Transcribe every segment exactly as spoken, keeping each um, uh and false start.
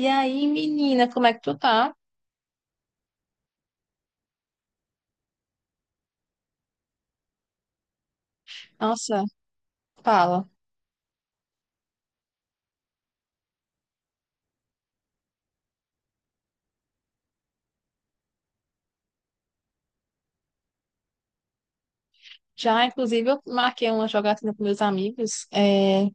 E aí, menina, como é que tu tá? Nossa, fala. Já, inclusive, eu marquei uma jogatina com meus amigos. é,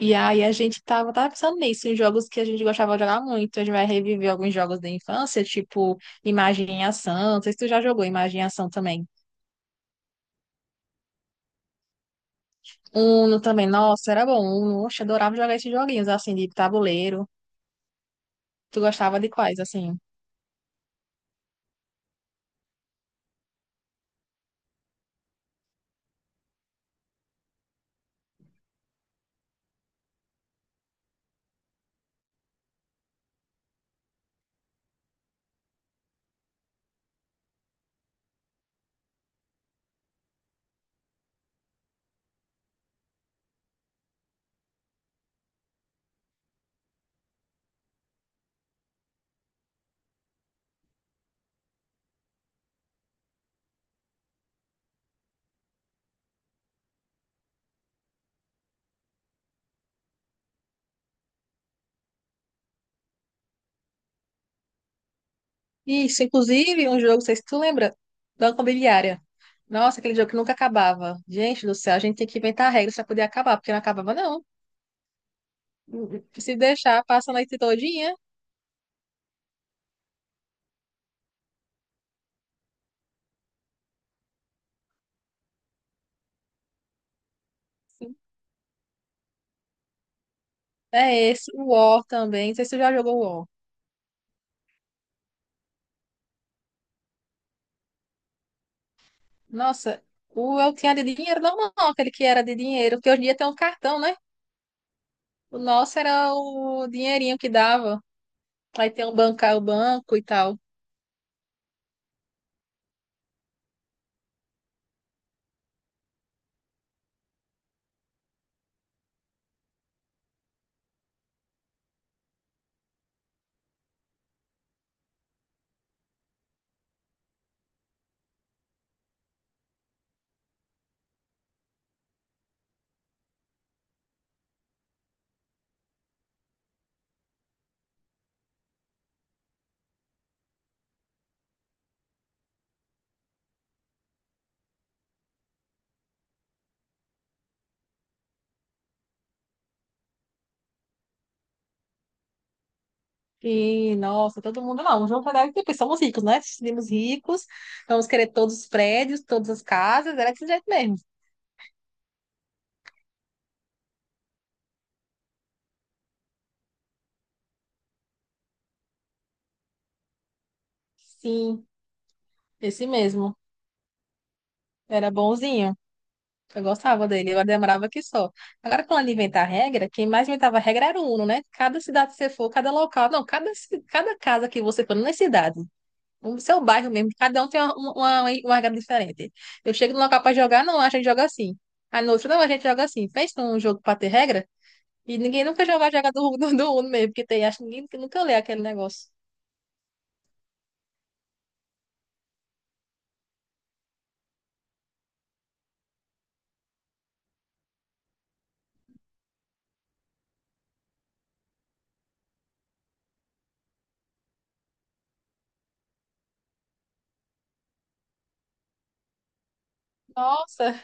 E aí a gente tava, tava pensando nisso, em jogos que a gente gostava de jogar muito. A gente vai reviver alguns jogos da infância, tipo Imagem em Ação. Não sei se tu já jogou Imagem em Ação também. Uno também, nossa, era bom. Uno, oxe, adorava jogar esses joguinhos, assim, de tabuleiro. Tu gostava de quais, assim? Isso, inclusive, um jogo, não sei se tu lembra, Banco Imobiliária. Nossa, aquele jogo que nunca acabava. Gente do céu, a gente tem que inventar regras para poder acabar, porque não acabava, não. Se deixar, passa a noite todinha. É esse, o War também. Não sei se tu já jogou o War. Nossa, o eu tinha de dinheiro normal, aquele que era de dinheiro, porque hoje em dia tem um cartão, né? O nosso era o dinheirinho que dava. Aí tem um banco, o banco e tal. E, nossa, todo mundo, não, vamos pagar, depois somos ricos, né? Seremos ricos, vamos querer todos os prédios, todas as casas, era desse jeito mesmo. Sim, esse mesmo, era bonzinho, eu gostava dele, eu demorava aqui só. Agora, quando ele inventar regra, quem mais inventava regra era o Uno, né? Cada cidade que você for, cada local, não, cada, ci- cada casa que você for, não é cidade, o seu bairro mesmo, cada um tem uma, uma, uma regra diferente. Eu chego no local para jogar, não, a gente joga assim. Aí no outro, não, a gente joga assim. Fez um jogo para ter regra? E ninguém nunca já vai jogar do, do, do Uno mesmo, porque tem, acho que ninguém nunca lê aquele negócio. Nossa,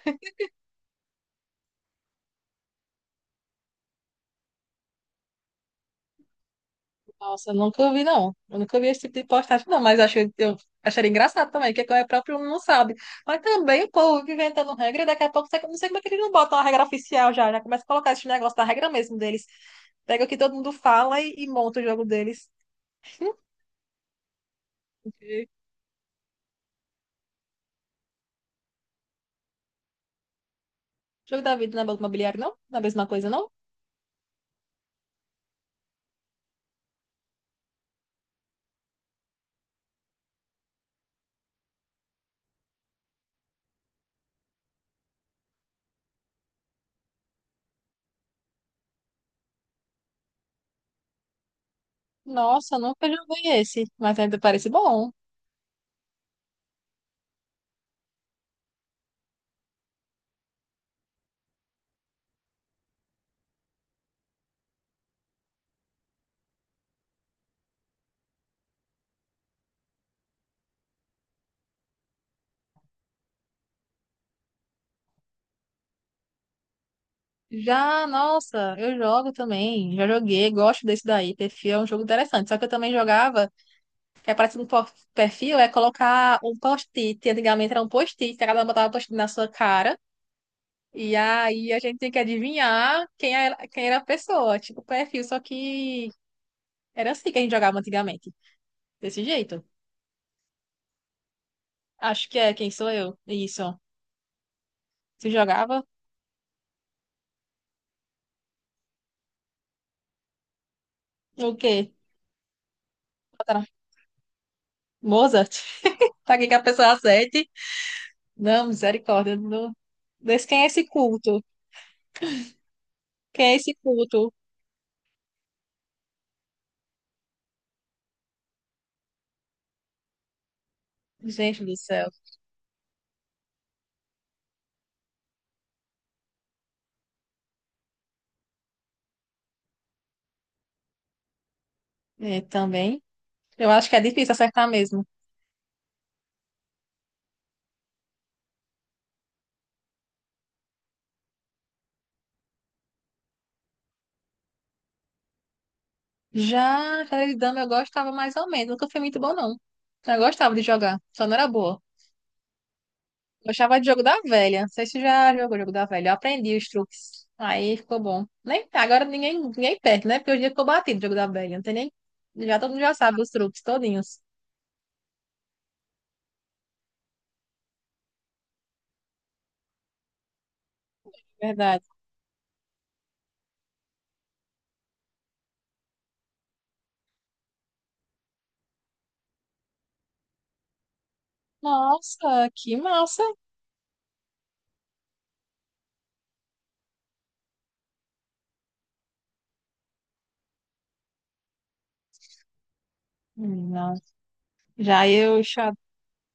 nossa, eu nunca vi, não. Eu nunca vi esse tipo de postagem, não, mas eu acho, eu acharia engraçado também, que é próprio não sabe. Mas também o povo fica inventando regra, e daqui a pouco você- não sei como é que eles não botam a regra oficial já, já começa a colocar esse negócio da regra mesmo deles. Pega o que todo mundo fala e, e monta o jogo deles. Ok. Jogo da vida na banca imobiliária, não? Na mesma coisa, não? Nossa, eu nunca joguei esse, mas ainda parece bom. Já, nossa, eu jogo também. Já joguei, gosto desse daí. Perfil é um jogo interessante. Só que eu também jogava, que é parecido com por- perfil, é colocar um post-it. Antigamente era um post-it, cada um botava um post-it na sua cara. E aí a gente tinha que adivinhar quem era, quem era a pessoa, tipo perfil. Só que era assim que a gente jogava antigamente. Desse jeito. Acho que é quem sou eu. Isso. Se jogava, o quê? Botaram Mozart? Pra que que a pessoa acerte? Não, misericórdia. Não, desse quem é esse culto? Que é esse culto? Gente do céu. É, também. Eu acho que é difícil acertar mesmo. Já xadrez de dama eu gostava mais ou menos. Nunca fui muito bom, não. Eu gostava de jogar, só não era boa. Gostava de jogo da velha. Não sei se já jogou jogo da velha. Eu aprendi os truques. Aí ficou bom. Nem, agora ninguém, ninguém perde, né? Porque hoje em dia ficou batido o jogo da velha. Não tem nem. Já todo mundo já sabe os truques todinhos. Verdade. Nossa, que massa. Hum, Nossa. Já eu, xa-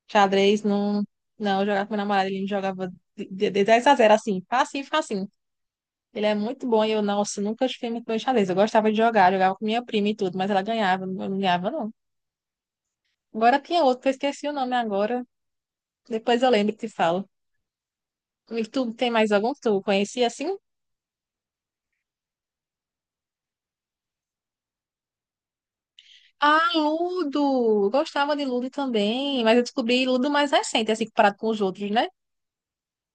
xadrez, não. Não, eu jogava com meu namorado, ele me jogava de, de de dez a zero, assim, facinho, facinho. Ele é muito bom e eu, nossa, nunca fiquei muito bom em xadrez. Eu gostava de jogar, jogava com minha prima e tudo, mas ela ganhava, eu não ganhava, não. Agora tinha outro, que eu esqueci o nome agora. Depois eu lembro e te falo. E tu tem mais algum que tu conhecia assim? Ah, Ludo! Eu gostava de Ludo também, mas eu descobri Ludo mais recente, assim, comparado com os outros, né?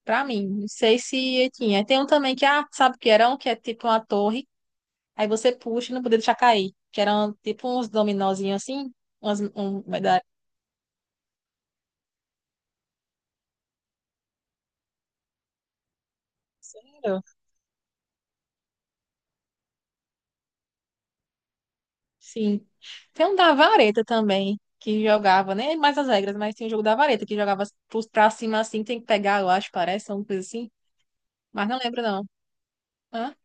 Pra mim, não sei se tinha. Tem um também que, ah, sabe o que era? Um que é tipo uma torre. Aí você puxa e não podia deixar cair. Que eram tipo uns dominozinhos assim. Umas, um, da sério? Sim. Tem um da vareta também, que jogava, nem mais as regras, mas tinha um jogo da vareta, que jogava pros- pra cima assim, tem que pegar, eu acho, parece, alguma coisa assim. Mas não lembro, não. Hã?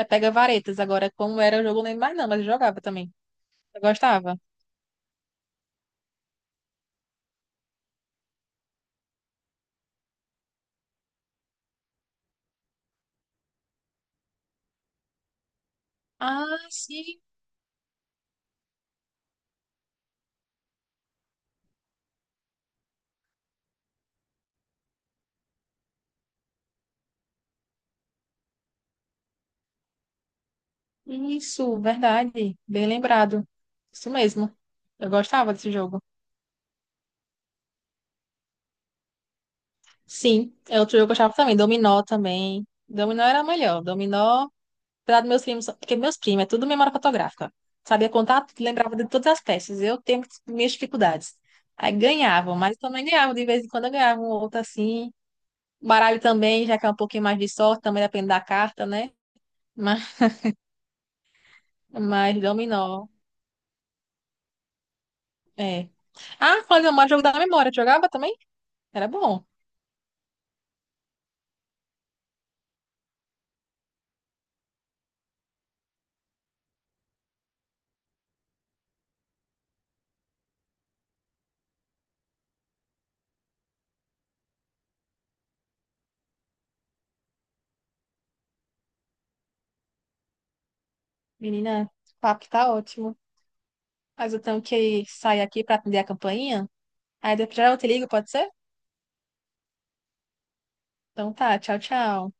É pega varetas. Agora, como era o jogo, eu não lembro mais, não, mas eu jogava também. Eu gostava. Ah, sim. Isso, verdade. Bem lembrado. Isso mesmo. Eu gostava desse jogo. Sim, é outro jogo que eu gostava também. Dominó também. Dominó era melhor. Dominó, apesar dos meus primos, porque meus primos é tudo memória fotográfica. Sabia contar tudo, lembrava de todas as peças. Eu tenho minhas dificuldades. Aí ganhavam, mas também ganhavam. De vez em quando eu ganhava um ou outro assim. Baralho também, já que é um pouquinho mais de sorte, também depende da carta, né? Mas, mas dominó, é. Ah, falando de memória, jogo da memória. Tu jogava também? Era bom. Menina, o papo tá ótimo. Mas eu tenho que sair aqui para atender a campainha. Aí depois eu te ligo, pode ser? Então tá, tchau, tchau.